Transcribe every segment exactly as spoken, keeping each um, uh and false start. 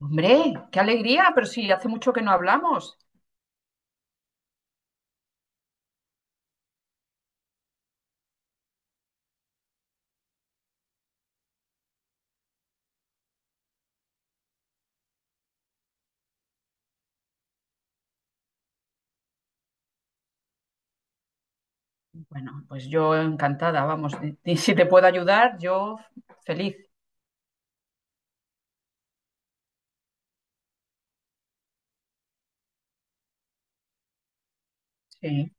Hombre, qué alegría, pero sí, hace mucho que no hablamos. Bueno, pues yo encantada, vamos, eh, y si te puedo ayudar, yo feliz. Sí,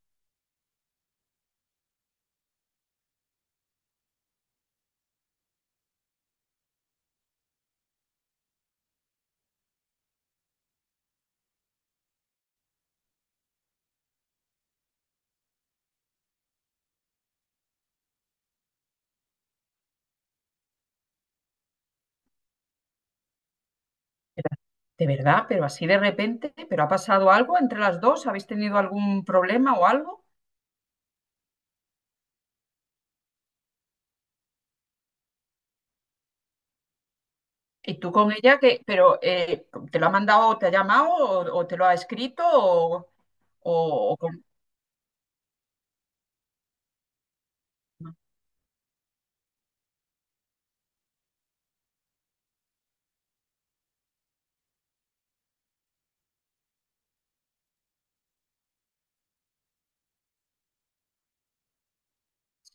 de verdad, pero así de repente, pero ¿ha pasado algo entre las dos, habéis tenido algún problema o algo? Y tú con ella, que, pero eh, ¿te lo ha mandado, te ha llamado o, o te lo ha escrito o, o, o con-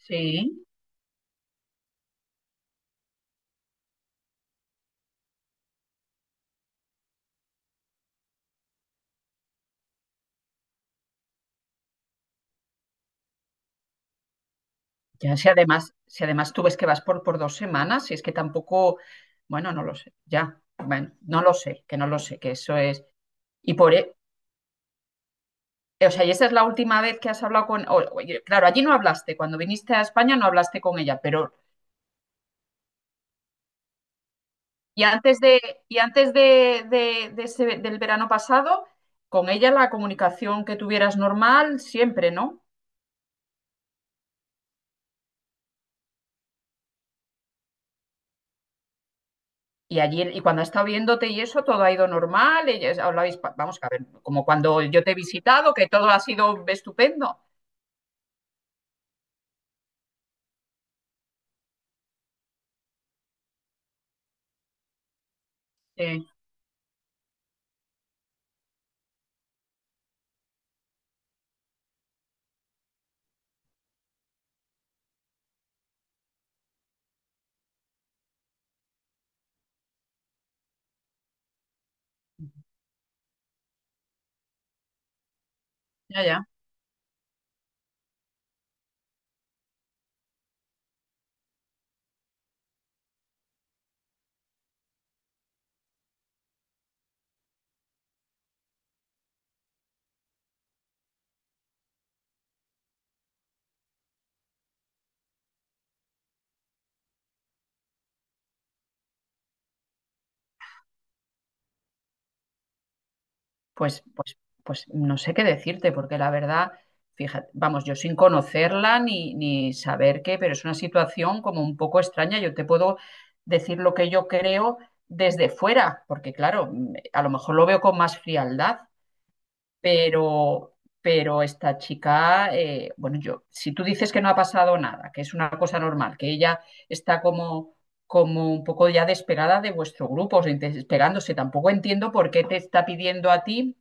Sí. Ya, si además, si además tú ves que vas por, por dos semanas, si es que tampoco, bueno, no lo sé, ya, bueno, no lo sé, que no lo sé, que eso es. Y por, e- o sea, y esa es la última vez que has hablado con, o- o- y claro, allí no hablaste, cuando viniste a España no hablaste con ella, pero, y antes de, y antes de, de- de ese- del verano pasado, con ella la comunicación que tuvieras normal siempre, ¿no? Y allí, y cuando ha estado viéndote y eso, todo ha ido normal, y ya hablabais, pa- vamos a ver, como cuando yo te he visitado, que todo ha sido estupendo. Sí, ya, ya. Pues, pues, pues no sé qué decirte, porque la verdad, fíjate, vamos, yo sin conocerla ni, ni saber qué, pero es una situación como un poco extraña. Yo te puedo decir lo que yo creo desde fuera, porque claro, a lo mejor lo veo con más frialdad, pero, pero esta chica, eh, bueno, yo, si tú dices que no ha pasado nada, que es una cosa normal, que ella está como, como un poco ya desesperada de vuestro grupo, o sea, desesperándose, tampoco entiendo por qué te está pidiendo a ti,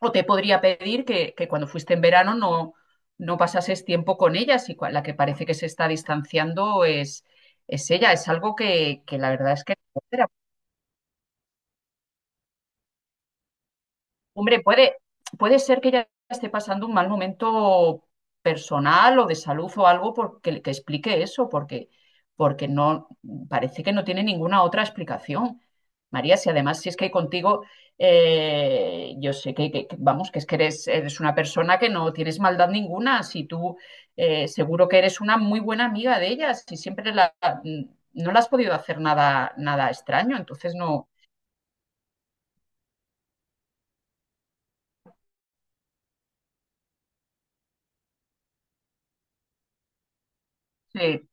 o te podría pedir que, que cuando fuiste en verano no, no pasases tiempo con ella, si cua- la que parece que se está distanciando es, es ella, es algo que, que la verdad es que no cuadra. Hombre, puede, puede ser que ella esté pasando un mal momento personal o de salud o algo porque, que explique eso, porque, porque no parece que no tiene ninguna otra explicación. María, si además si es que contigo, eh, yo sé que, que- que- vamos, que es que eres, eres una persona que no tienes maldad ninguna, si tú eh, seguro que eres una muy buena amiga de ellas, si siempre la, no le has podido hacer nada, nada extraño, entonces no, sí,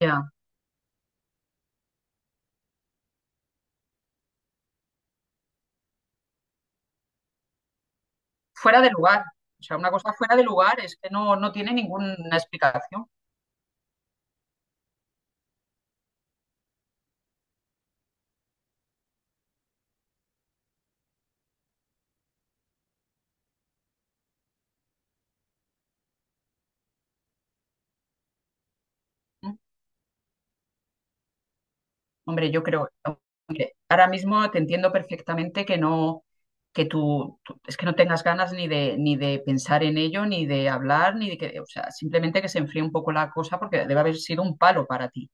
ya. Fuera de lugar. O sea, una cosa fuera de lugar es que no, no tiene ninguna explicación. ¿Mm? Hombre, yo creo, hombre, ahora mismo te entiendo perfectamente que no, que tú, tú- es que no tengas ganas ni de, ni de pensar en ello, ni de hablar, ni de que, o sea, simplemente que se enfríe un poco la cosa porque debe haber sido un palo para ti.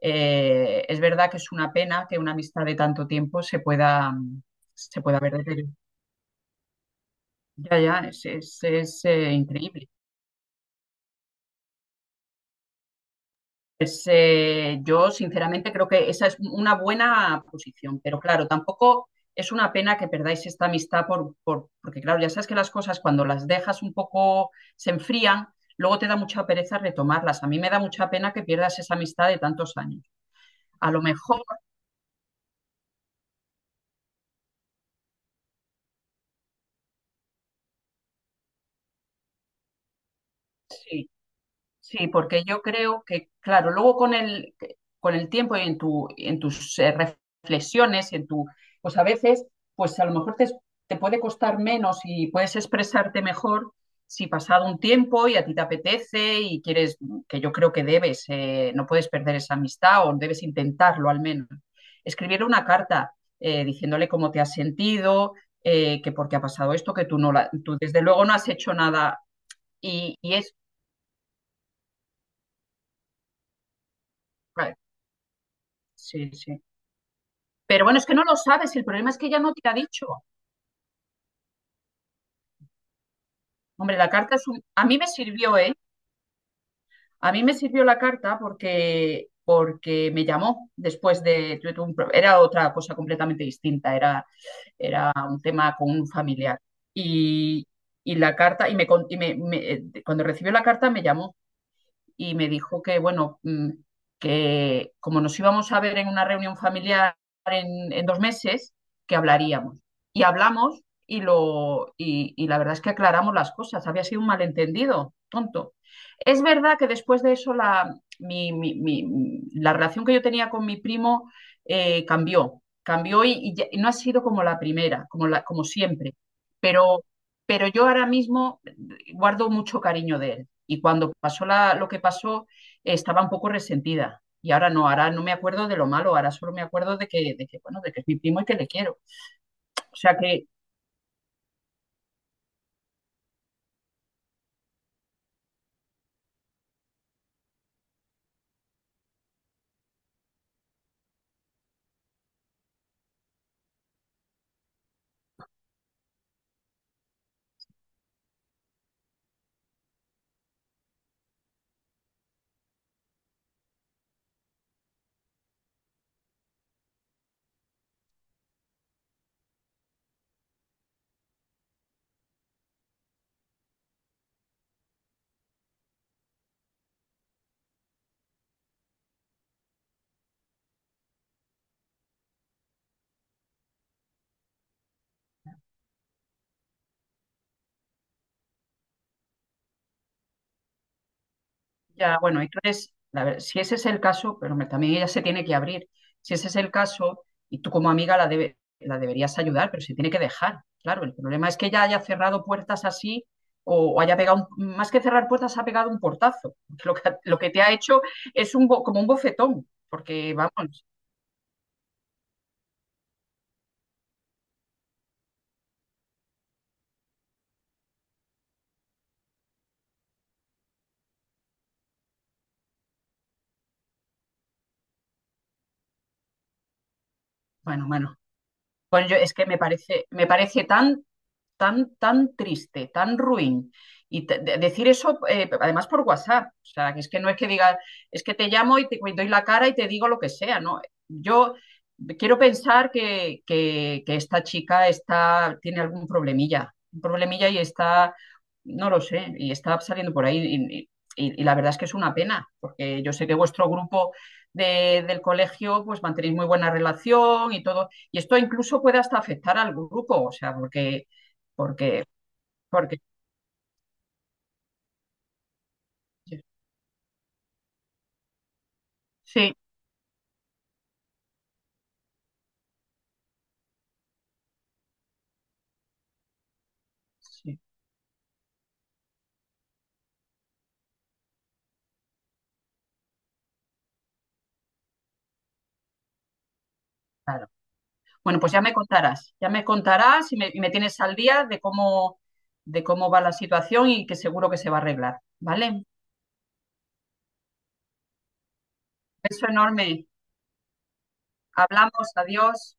Eh, es verdad que es una pena que una amistad de tanto tiempo se pueda, se pueda ver deteriorada. Ya, ya, es, es, es, eh, increíble. Pues eh, yo sinceramente creo que esa es una buena posición, pero claro, tampoco es una pena que perdáis esta amistad por, por- porque claro, ya sabes que las cosas cuando las dejas un poco se enfrían, luego te da mucha pereza retomarlas. A mí me da mucha pena que pierdas esa amistad de tantos años. A lo mejor sí. Sí, porque yo creo que, claro, luego con el, con el tiempo y en tu, en tus eh, reflexiones, en tu, pues a veces, pues a lo mejor te, te puede costar menos y puedes expresarte mejor si pasado un tiempo y a ti te apetece y quieres, que yo creo que debes, eh, no puedes perder esa amistad o debes intentarlo al menos. Escribirle una carta eh, diciéndole cómo te has sentido, eh, que porque ha pasado esto, que tú no la, tú desde luego no has hecho nada y, y es, vale, sí, sí. Pero bueno, es que no lo sabes, el problema es que ella no te ha dicho. Hombre, la carta es un... A mí me sirvió, ¿eh? A mí me sirvió la carta porque, porque me llamó después de... tuve un pro- era otra cosa completamente distinta, era, era un tema con un familiar. Y, y la carta, y, me, con- y me- me- eh, cuando recibió la carta me llamó y me dijo que, bueno, mm, que como nos íbamos a ver en una reunión familiar en, en dos meses, que hablaríamos. Y hablamos y, lo, y, y la verdad es que aclaramos las cosas. Había sido un malentendido tonto. Es verdad que después de eso la, mi- mi- mi- la relación que yo tenía con mi primo eh, cambió, cambió y, y ya- y no ha sido como la primera, como, la, como siempre, pero, pero yo ahora mismo guardo mucho cariño de él. Y cuando pasó la, lo que pasó, eh, estaba un poco resentida. Y ahora no, ahora no me acuerdo de lo malo, ahora solo me acuerdo de que, de que, bueno, de que es mi primo y que le quiero. O sea que ya, bueno, entonces, la ver- si ese es el caso, pero me- también ella se tiene que abrir. Si ese es el caso, y tú como amiga la, debe- la deberías ayudar, pero se tiene que dejar. Claro, el problema es que ella haya cerrado puertas así o, o haya pegado, un- más que cerrar puertas, ha pegado un portazo. Lo que, lo que te ha hecho es un, bo- como un bofetón, porque vamos, bueno, bueno. Bueno, yo es que me parece, me parece tan tan, tan triste, tan ruin. Y te- de- decir eso, eh, además por WhatsApp, o sea, que es que no es que diga, es que te llamo y te y doy la cara y te digo lo que sea, ¿no? Yo quiero pensar que, que- que esta chica está, tiene algún problemilla, un problemilla y está, no lo sé, y está saliendo por ahí. Y, y- y la verdad es que es una pena, porque yo sé que vuestro grupo de- del colegio, pues mantenéis muy buena relación y todo, y esto incluso puede hasta afectar al grupo, o sea, porque porque, porque, sí, sí, claro. Bueno, pues ya me contarás, ya me contarás y me, y me tienes al día de cómo, de cómo va la situación, y que seguro que se va a arreglar, ¿vale? Beso enorme. Hablamos, adiós.